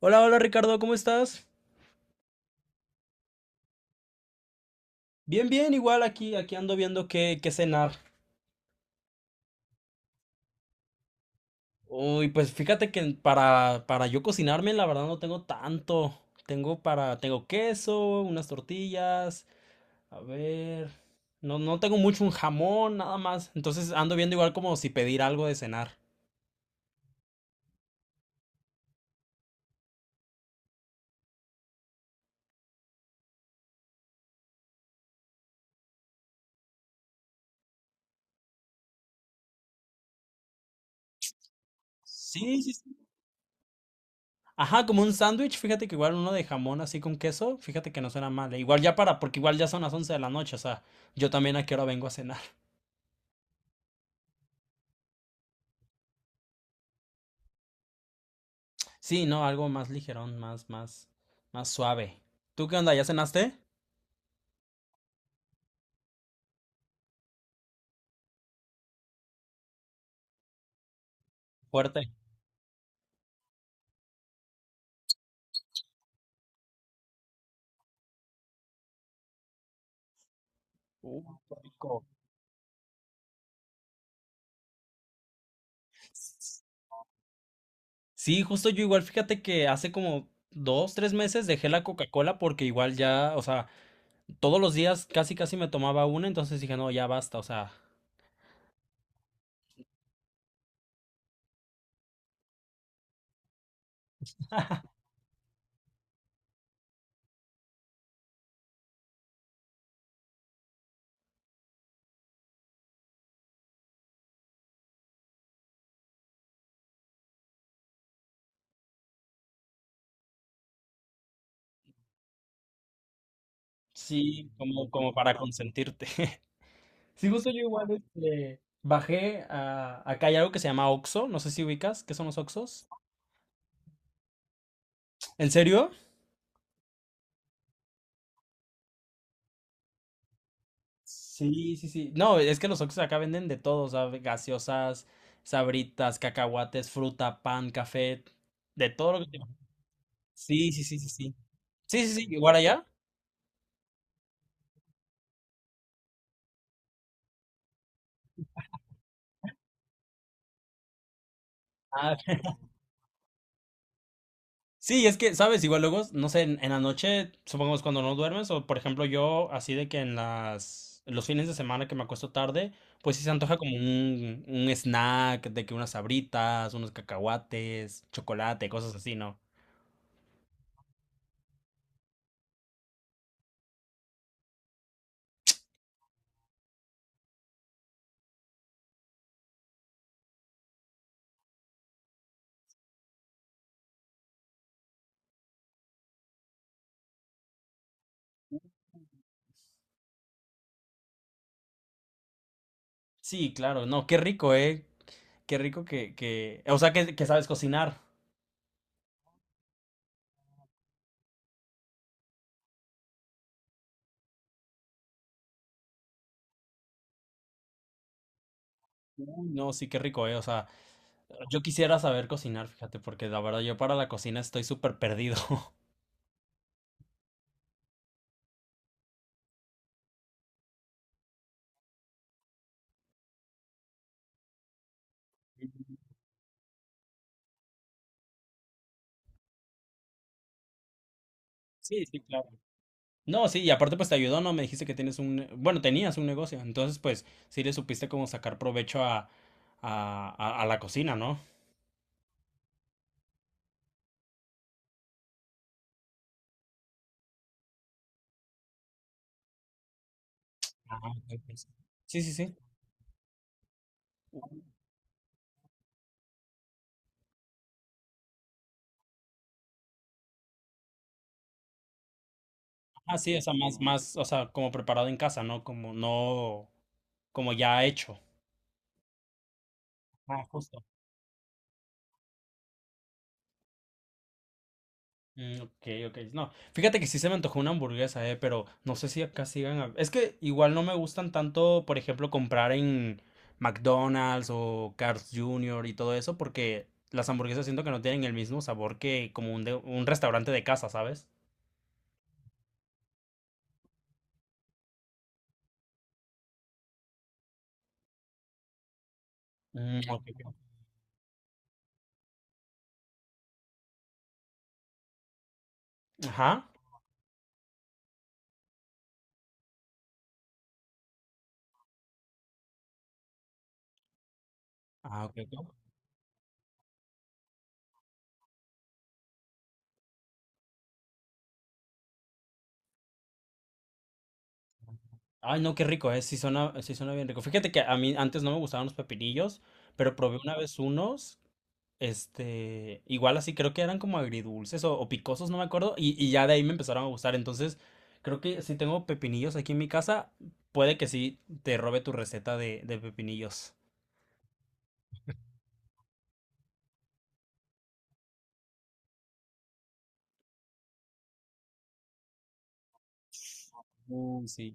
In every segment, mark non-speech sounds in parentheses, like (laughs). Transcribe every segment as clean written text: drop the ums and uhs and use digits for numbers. Hola, hola Ricardo, ¿cómo estás? Bien, bien, igual aquí ando viendo qué cenar. Uy, pues fíjate que para yo cocinarme, la verdad no tengo tanto. Tengo queso, unas tortillas, a ver, no, no tengo mucho un jamón, nada más. Entonces ando viendo igual como si pedir algo de cenar. Sí, sí, sí. Ajá, como un sándwich, fíjate que igual uno de jamón así con queso, fíjate que no suena mal. Porque igual ya son las 11 de la noche, o sea, yo también a qué hora vengo a cenar. Sí, no, algo más ligerón, más suave. ¿Tú qué onda? ¿Ya cenaste? Fuerte. Uh, Qué rico. Sí, justo yo igual, fíjate que hace como 2, 3 meses dejé la Coca-Cola porque igual ya, o sea, todos los días casi casi me tomaba una, entonces dije, no, ya basta, o sea, sí, como para consentirte. (laughs) Sí, justo yo igual, bajé a, acá hay algo que se llama Oxxo, no sé si ubicas, ¿qué son los Oxxos? ¿En serio? Sí, sí, sí. No, es que los Oxxos acá venden de todo, o sea, gaseosas, sabritas, cacahuates, fruta, pan, café, de todo lo que imaginas. Sí, sí, sí, sí, sí. Sí, sí, sí, igual allá. Ah. (laughs) Sí, es que, ¿sabes? Igual luego, no sé, en la noche, supongamos cuando no duermes, o por ejemplo yo, así de que en los fines de semana que me acuesto tarde, pues sí se antoja como un snack, de que unas sabritas, unos cacahuates, chocolate, cosas así, ¿no? Sí, claro, no, qué rico, ¿eh? Qué rico o sea, que sabes cocinar. Uy, no, sí, qué rico, eh. O sea, yo quisiera saber cocinar, fíjate, porque la verdad yo para la cocina estoy súper perdido. (laughs) Sí, sí, claro. No, sí, y aparte pues te ayudó, ¿no? Me dijiste que tienes bueno, tenías un negocio, entonces pues sí le supiste como sacar provecho a la cocina, ¿no? Ajá, ok, ok, sí. Sí, sí, sí. Ah, sí, o sea, más, o sea, como preparado en casa, ¿no? Como no, como ya hecho. Mm, ok, ok. No, fíjate que sí se me antojó una hamburguesa, pero no sé si acá sigan. Es que igual no me gustan tanto, por ejemplo, comprar en McDonald's o Carl's Jr. y todo eso, porque las hamburguesas siento que no tienen el mismo sabor que como un restaurante de casa, ¿sabes? Mm, ok, ok. Ajá. Ah, ok, ok. Ay, no, qué rico, ¿eh? Sí suena bien rico. Fíjate que a mí antes no me gustaban los pepinillos, pero probé una vez unos, igual así, creo que eran como agridulces o picosos, no me acuerdo, y ya de ahí me empezaron a gustar. Entonces, creo que si tengo pepinillos aquí en mi casa, puede que sí te robe tu receta de pepinillos. Sí.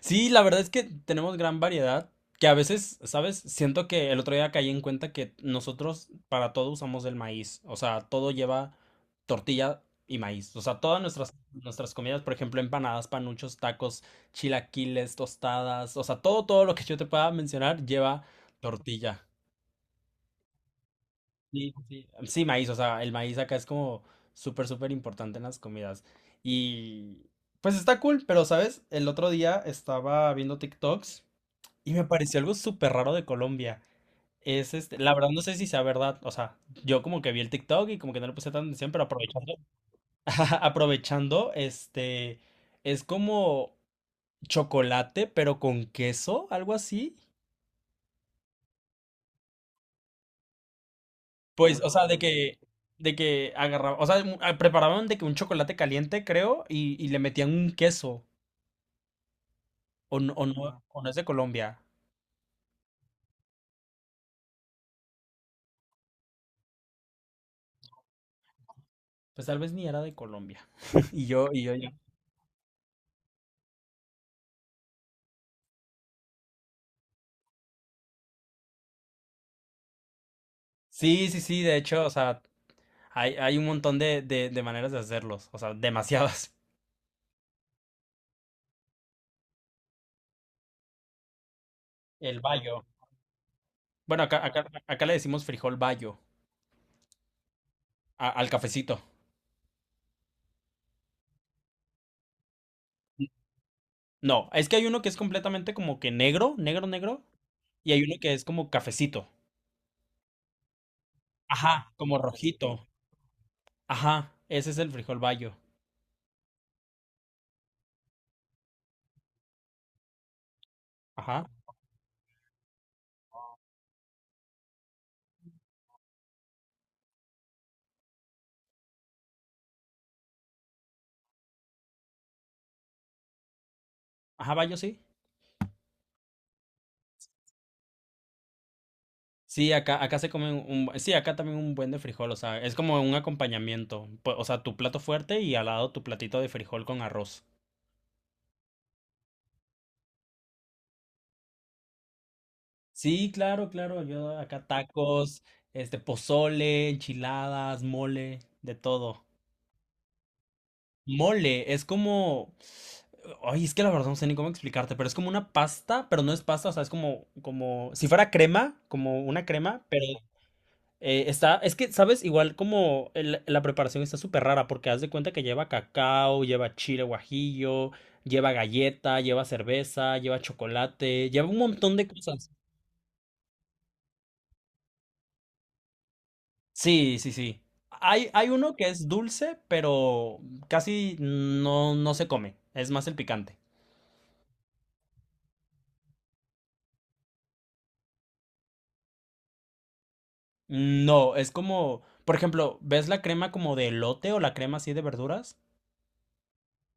Sí, la verdad es que tenemos gran variedad, que a veces, ¿sabes? Siento que el otro día caí en cuenta que nosotros para todo usamos el maíz, o sea, todo lleva tortilla y maíz, o sea, todas nuestras comidas, por ejemplo, empanadas, panuchos, tacos, chilaquiles, tostadas, o sea, todo, todo lo que yo te pueda mencionar lleva tortilla. Sí, sí. Sí, maíz, o sea, el maíz acá es como súper, súper importante en las comidas. Y pues está cool, pero, ¿sabes? El otro día estaba viendo TikToks. Y me pareció algo súper raro de Colombia. Es la verdad no sé si sea verdad, o sea, yo como que vi el TikTok y como que no le puse tanta atención, pero aprovechando, (laughs) aprovechando, es como chocolate, pero con queso, algo así. Pues, o sea, de que agarraban, o sea, preparaban de que un chocolate caliente, creo, y le metían un queso, o no es de Colombia. Pues tal vez ni era de Colombia. (laughs) Y yo ya. Sí, sí, sí, de hecho, o sea, hay un montón de maneras de hacerlos, o sea, demasiadas. El bayo. Bueno, acá le decimos frijol bayo al cafecito. No, es que hay uno que es completamente como que negro, negro, negro, y hay uno que es como cafecito. Ajá, como rojito. Ajá, ese es el frijol bayo. Ajá, ajá, bayo sí. Sí, acá se come sí, acá también un buen de frijol, o sea, es como un acompañamiento, o sea, tu plato fuerte y al lado tu platito de frijol con arroz. Sí, claro, claro. Yo acá tacos, pozole, enchiladas, mole, de todo. Mole, es como. Ay, es que la verdad no sé ni cómo explicarte, pero es como una pasta, pero no es pasta, o sea, es como, si fuera crema, como una crema, pero es que, ¿sabes? Igual como la preparación está súper rara, porque haz de cuenta que lleva cacao, lleva chile guajillo, lleva galleta, lleva cerveza, lleva chocolate, lleva un montón de cosas. Sí, sí, sí. Hay uno que es dulce, pero casi no, no se come. Es más el picante. No, es como, por ejemplo, ¿ves la crema como de elote o la crema así de verduras?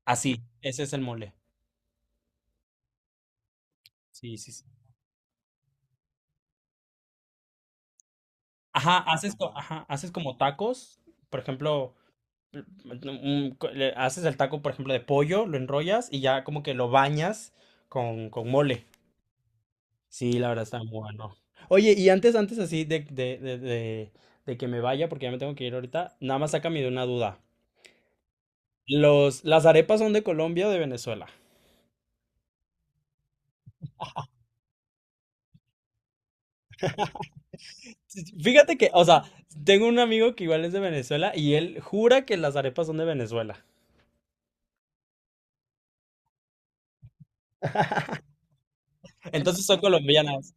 Así, ese es el mole. Sí, sí, sí. Ajá, ajá, haces como tacos, por ejemplo, l- le haces el taco, por ejemplo, de pollo, lo enrollas y ya como que lo bañas con mole. Sí, la verdad está muy bueno. Oye, y antes así de que me vaya, porque ya me tengo que ir ahorita, nada más sácame de una duda. ¿Las arepas son de Colombia o de Venezuela? Sí, sí. Fíjate que, o sea, tengo un amigo que igual es de Venezuela y él jura que las arepas son de Venezuela. Entonces son colombianas.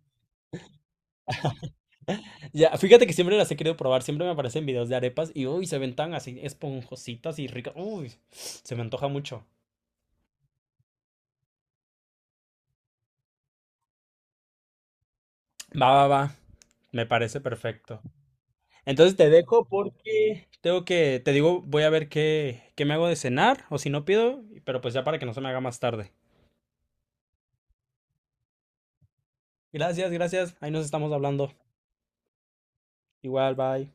Ya, fíjate que siempre las he querido probar, siempre me aparecen videos de arepas y uy, se ven tan así esponjositas y ricas. Uy, se me antoja mucho. Va, va, va. Me parece perfecto. Entonces te dejo porque tengo que, te digo, voy a ver qué, me hago de cenar o si no pido, pero pues ya para que no se me haga más tarde. Gracias, gracias. Ahí nos estamos hablando. Igual, bye.